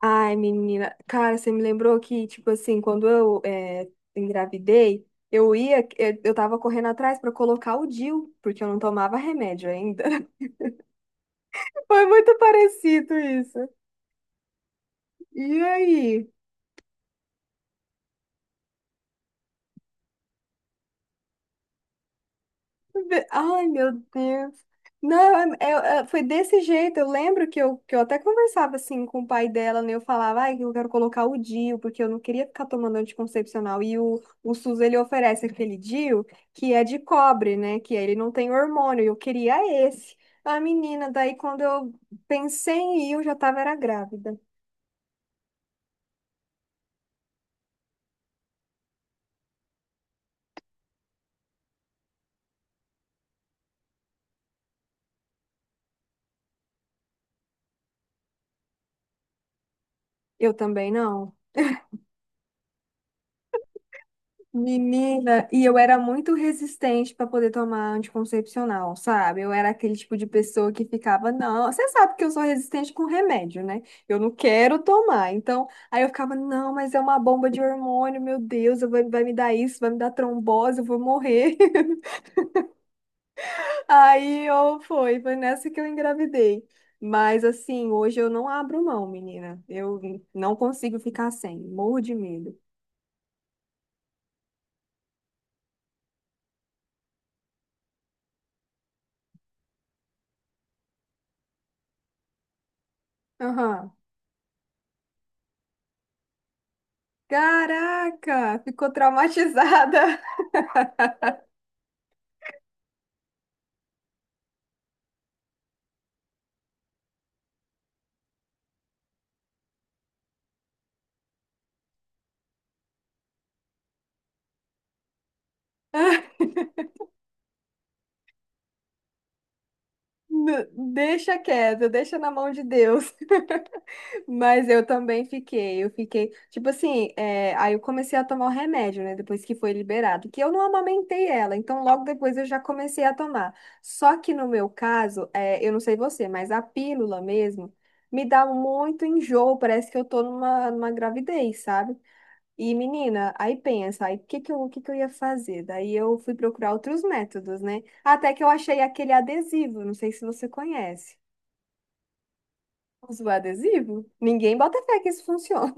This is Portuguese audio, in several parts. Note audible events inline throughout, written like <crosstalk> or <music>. Ai, menina, cara, você me lembrou que, tipo assim, quando engravidei, eu tava correndo atrás pra colocar o DIU, porque eu não tomava remédio ainda. <laughs> Foi muito parecido isso. E aí? Ai, meu Deus. Não, foi desse jeito. Eu lembro que eu até conversava assim com o pai dela, né? Eu falava, ai, eu quero colocar o DIU, porque eu não queria ficar tomando anticoncepcional. E o SUS, ele oferece aquele DIU que é de cobre, né? Que ele não tem hormônio. Eu queria esse. A menina, daí quando eu pensei em ir, eu já tava era grávida. Eu também não. Menina, e eu era muito resistente para poder tomar anticoncepcional, sabe? Eu era aquele tipo de pessoa que ficava, não, você sabe que eu sou resistente com remédio, né? Eu não quero tomar. Então, aí eu ficava, não, mas é uma bomba de hormônio, meu Deus, vai me dar isso, vai me dar trombose, eu vou morrer. <laughs> Aí eu foi nessa que eu engravidei. Mas assim, hoje eu não abro mão, menina. Eu não consigo ficar sem, morro de medo. Aham. Caraca, ficou traumatizada. <laughs> N- Deixa quieto, deixa na mão de Deus. <laughs> Mas eu também fiquei, tipo assim, aí eu comecei a tomar o remédio, né, depois que foi liberado, que eu não amamentei ela, então logo depois eu já comecei a tomar. Só que no meu caso, eu não sei você, mas a pílula mesmo me dá muito enjoo, parece que eu tô numa gravidez, sabe? E menina, aí pensa, aí o que que eu ia fazer? Daí eu fui procurar outros métodos, né? Até que eu achei aquele adesivo, não sei se você conhece. Usa o adesivo? Ninguém bota fé que isso funciona.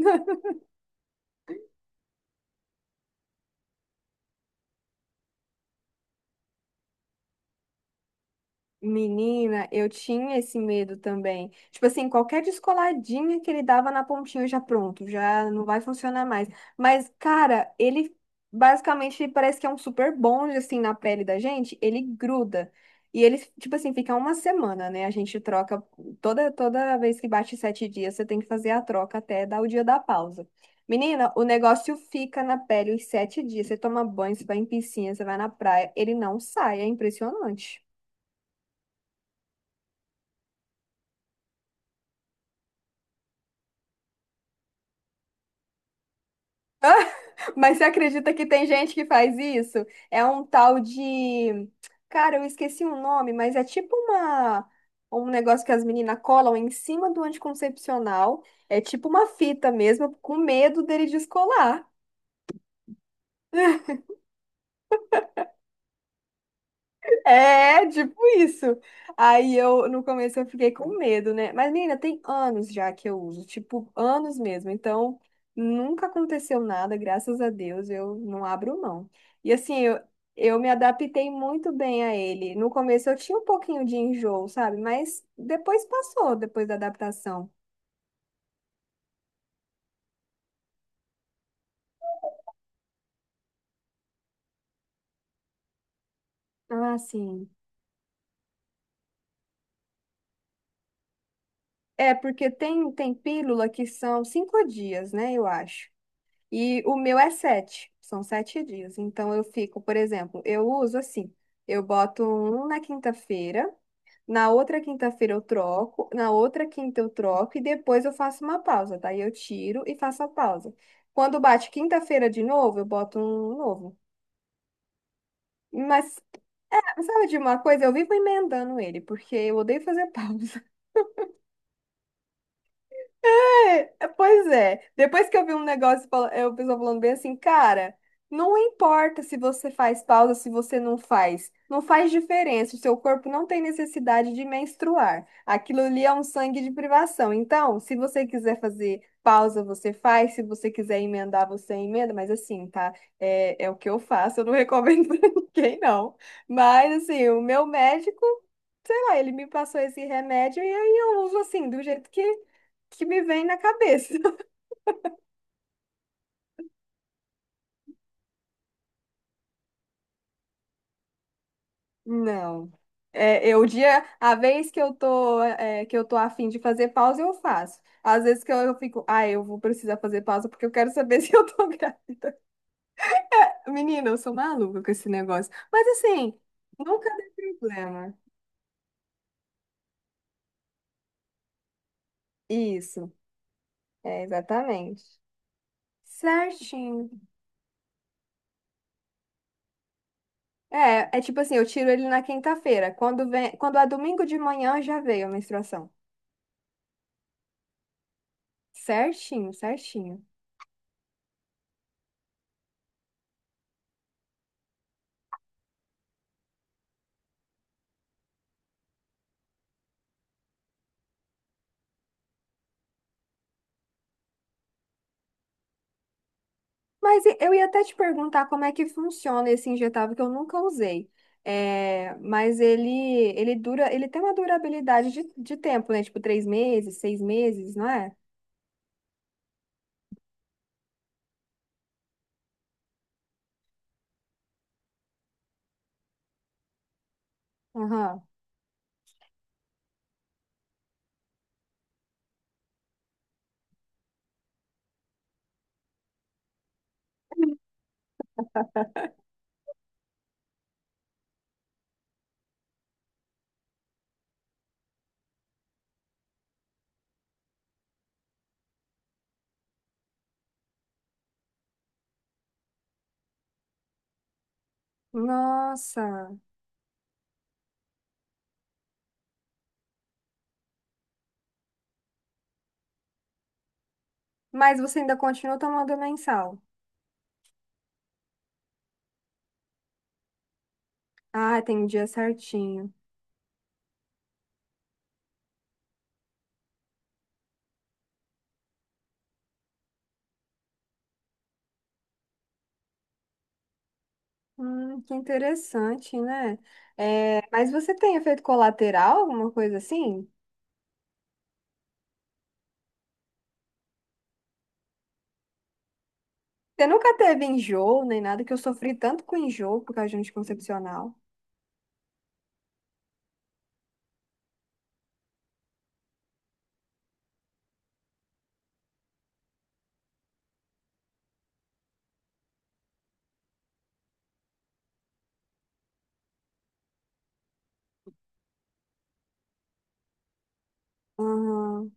Menina, eu tinha esse medo também. Tipo assim, qualquer descoladinha que ele dava na pontinha já pronto, já não vai funcionar mais. Mas, cara, ele basicamente parece que é um super bonde assim na pele da gente, ele gruda. E ele, tipo assim, fica uma semana, né? A gente troca toda vez que bate sete dias, você tem que fazer a troca até dar o dia da pausa. Menina, o negócio fica na pele os sete dias. Você toma banho, você vai em piscina, você vai na praia, ele não sai, é impressionante. Mas você acredita que tem gente que faz isso? É um tal de. Cara, eu esqueci o nome, mas é tipo uma. Um negócio que as meninas colam em cima do anticoncepcional. É tipo uma fita mesmo, com medo dele descolar. É, tipo isso. Aí eu, no começo, eu fiquei com medo, né? Mas, menina, tem anos já que eu uso, tipo, anos mesmo. Então, nunca aconteceu nada, graças a Deus, eu não abro mão. E assim, eu me adaptei muito bem a ele. No começo eu tinha um pouquinho de enjoo, sabe? Mas depois passou, depois da adaptação. Ah, sim. É, porque tem pílula que são cinco dias, né? Eu acho. E o meu é sete, são sete dias. Então eu fico, por exemplo, eu uso assim, eu boto um na quinta-feira, na outra quinta-feira eu troco, na outra quinta eu troco e depois eu faço uma pausa. Daí eu tiro e faço a pausa. Quando bate quinta-feira de novo, eu boto um novo. Mas sabe de uma coisa? Eu vivo emendando ele, porque eu odeio fazer <laughs> pausa. É, pois é. Depois que eu vi um negócio, o pessoal falando bem assim, cara, não importa se você faz pausa, se você não faz. Não faz diferença. O seu corpo não tem necessidade de menstruar. Aquilo ali é um sangue de privação. Então, se você quiser fazer pausa, você faz. Se você quiser emendar, você emenda. Mas assim, tá? É o que eu faço. Eu não recomendo <laughs> pra ninguém, não. Mas assim, o meu médico, sei lá, ele me passou esse remédio e aí eu uso assim, do jeito que me vem na cabeça. <laughs> Não. A vez que eu tô a fim de fazer pausa, eu faço. Às vezes que eu fico, ah, eu vou precisar fazer pausa porque eu quero saber <laughs> se eu tô grávida. Menina, eu sou maluca com esse negócio. Mas assim, nunca deu problema. Isso, é exatamente. Certinho. É tipo assim, eu tiro ele na quinta-feira. Quando é domingo de manhã, já veio a menstruação. Certinho, certinho. Mas eu ia até te perguntar como é que funciona esse injetável que eu nunca usei. É, mas ele dura, ele tem uma durabilidade de tempo, né? Tipo, três meses, seis meses, não é? Aham. Nossa. Mas você ainda continua tomando mensal. Ah, tem dia certinho. Que interessante, né? É, mas você tem efeito colateral, alguma coisa assim? Você nunca teve enjoo, nem nada, que eu sofri tanto com enjoo por causa de anticoncepcional. Aham.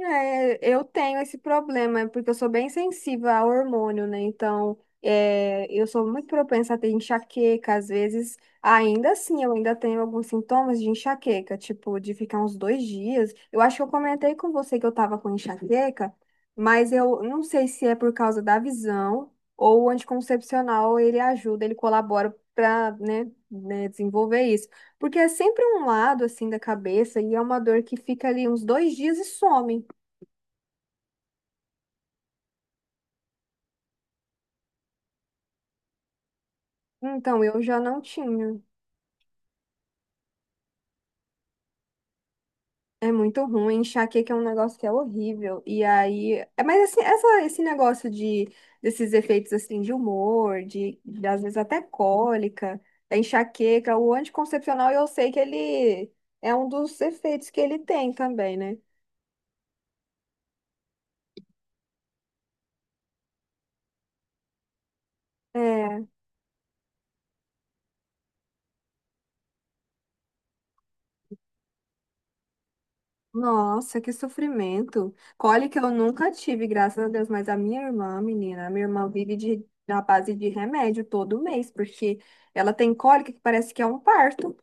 É, eu tenho esse problema, é porque eu sou bem sensível ao hormônio, né? Então, eu sou muito propensa a ter enxaqueca, às vezes, ainda assim, eu ainda tenho alguns sintomas de enxaqueca, tipo, de ficar uns dois dias. Eu acho que eu comentei com você que eu tava com enxaqueca, mas eu não sei se é por causa da visão ou o anticoncepcional, ele ajuda, ele colabora para, né, desenvolver isso. Porque é sempre um lado, assim, da cabeça e é uma dor que fica ali uns dois dias e some. Então, eu já não tinha. É muito ruim. Enxaqueca é um negócio que é horrível. E aí. É, mas assim, esse negócio de desses efeitos assim de humor, de às vezes até cólica, da enxaqueca, o anticoncepcional, eu sei que ele é um dos efeitos que ele tem também, né? É. Nossa, que sofrimento. Cólica eu nunca tive, graças a Deus, mas a minha irmã, menina, a minha irmã vive na base de remédio todo mês, porque ela tem cólica que parece que é um parto.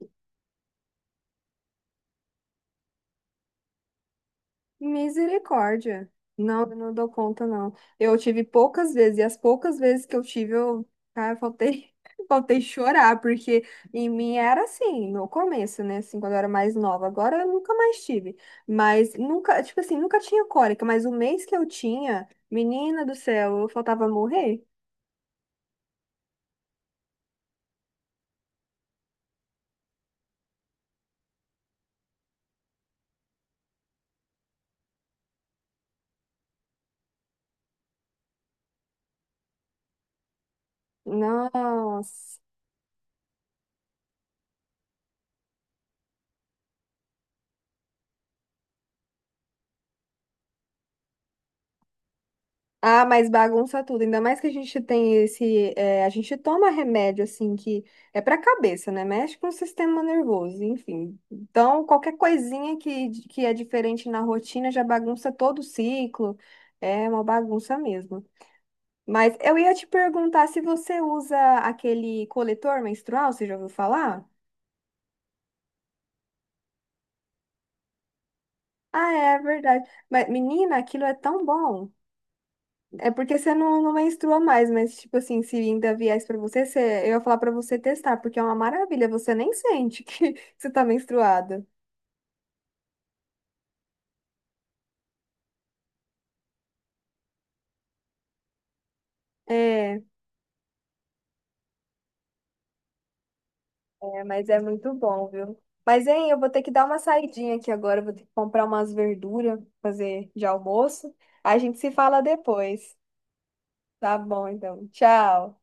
Misericórdia. Não, eu não dou conta, não. Eu tive poucas vezes, e as poucas vezes que eu tive, eu, cara, eu faltei, <laughs> faltei chorar, porque em mim era assim, no começo, né? Assim, quando eu era mais nova. Agora eu nunca mais tive. Mas nunca, tipo assim, nunca tinha cólica, mas o mês que eu tinha, menina do céu, eu faltava morrer. Nossa. Ah, mas bagunça tudo. Ainda mais que a gente tem esse. A gente toma remédio, assim, que é pra cabeça, né? Mexe com o sistema nervoso, enfim. Então, qualquer coisinha que é diferente na rotina já bagunça todo o ciclo. É uma bagunça mesmo. Mas eu ia te perguntar se você usa aquele coletor menstrual, você já ouviu falar? Ah, é verdade. Mas, menina, aquilo é tão bom. É porque você não menstrua mais, mas, tipo assim, se ainda viesse pra você, eu ia falar pra você testar, porque é uma maravilha, você nem sente que <laughs> você tá menstruada. É, é, mas é muito bom, viu? Mas, hein, eu vou ter que dar uma saidinha aqui agora. Eu vou ter que comprar umas verduras, fazer de almoço. A gente se fala depois. Tá bom, então. Tchau.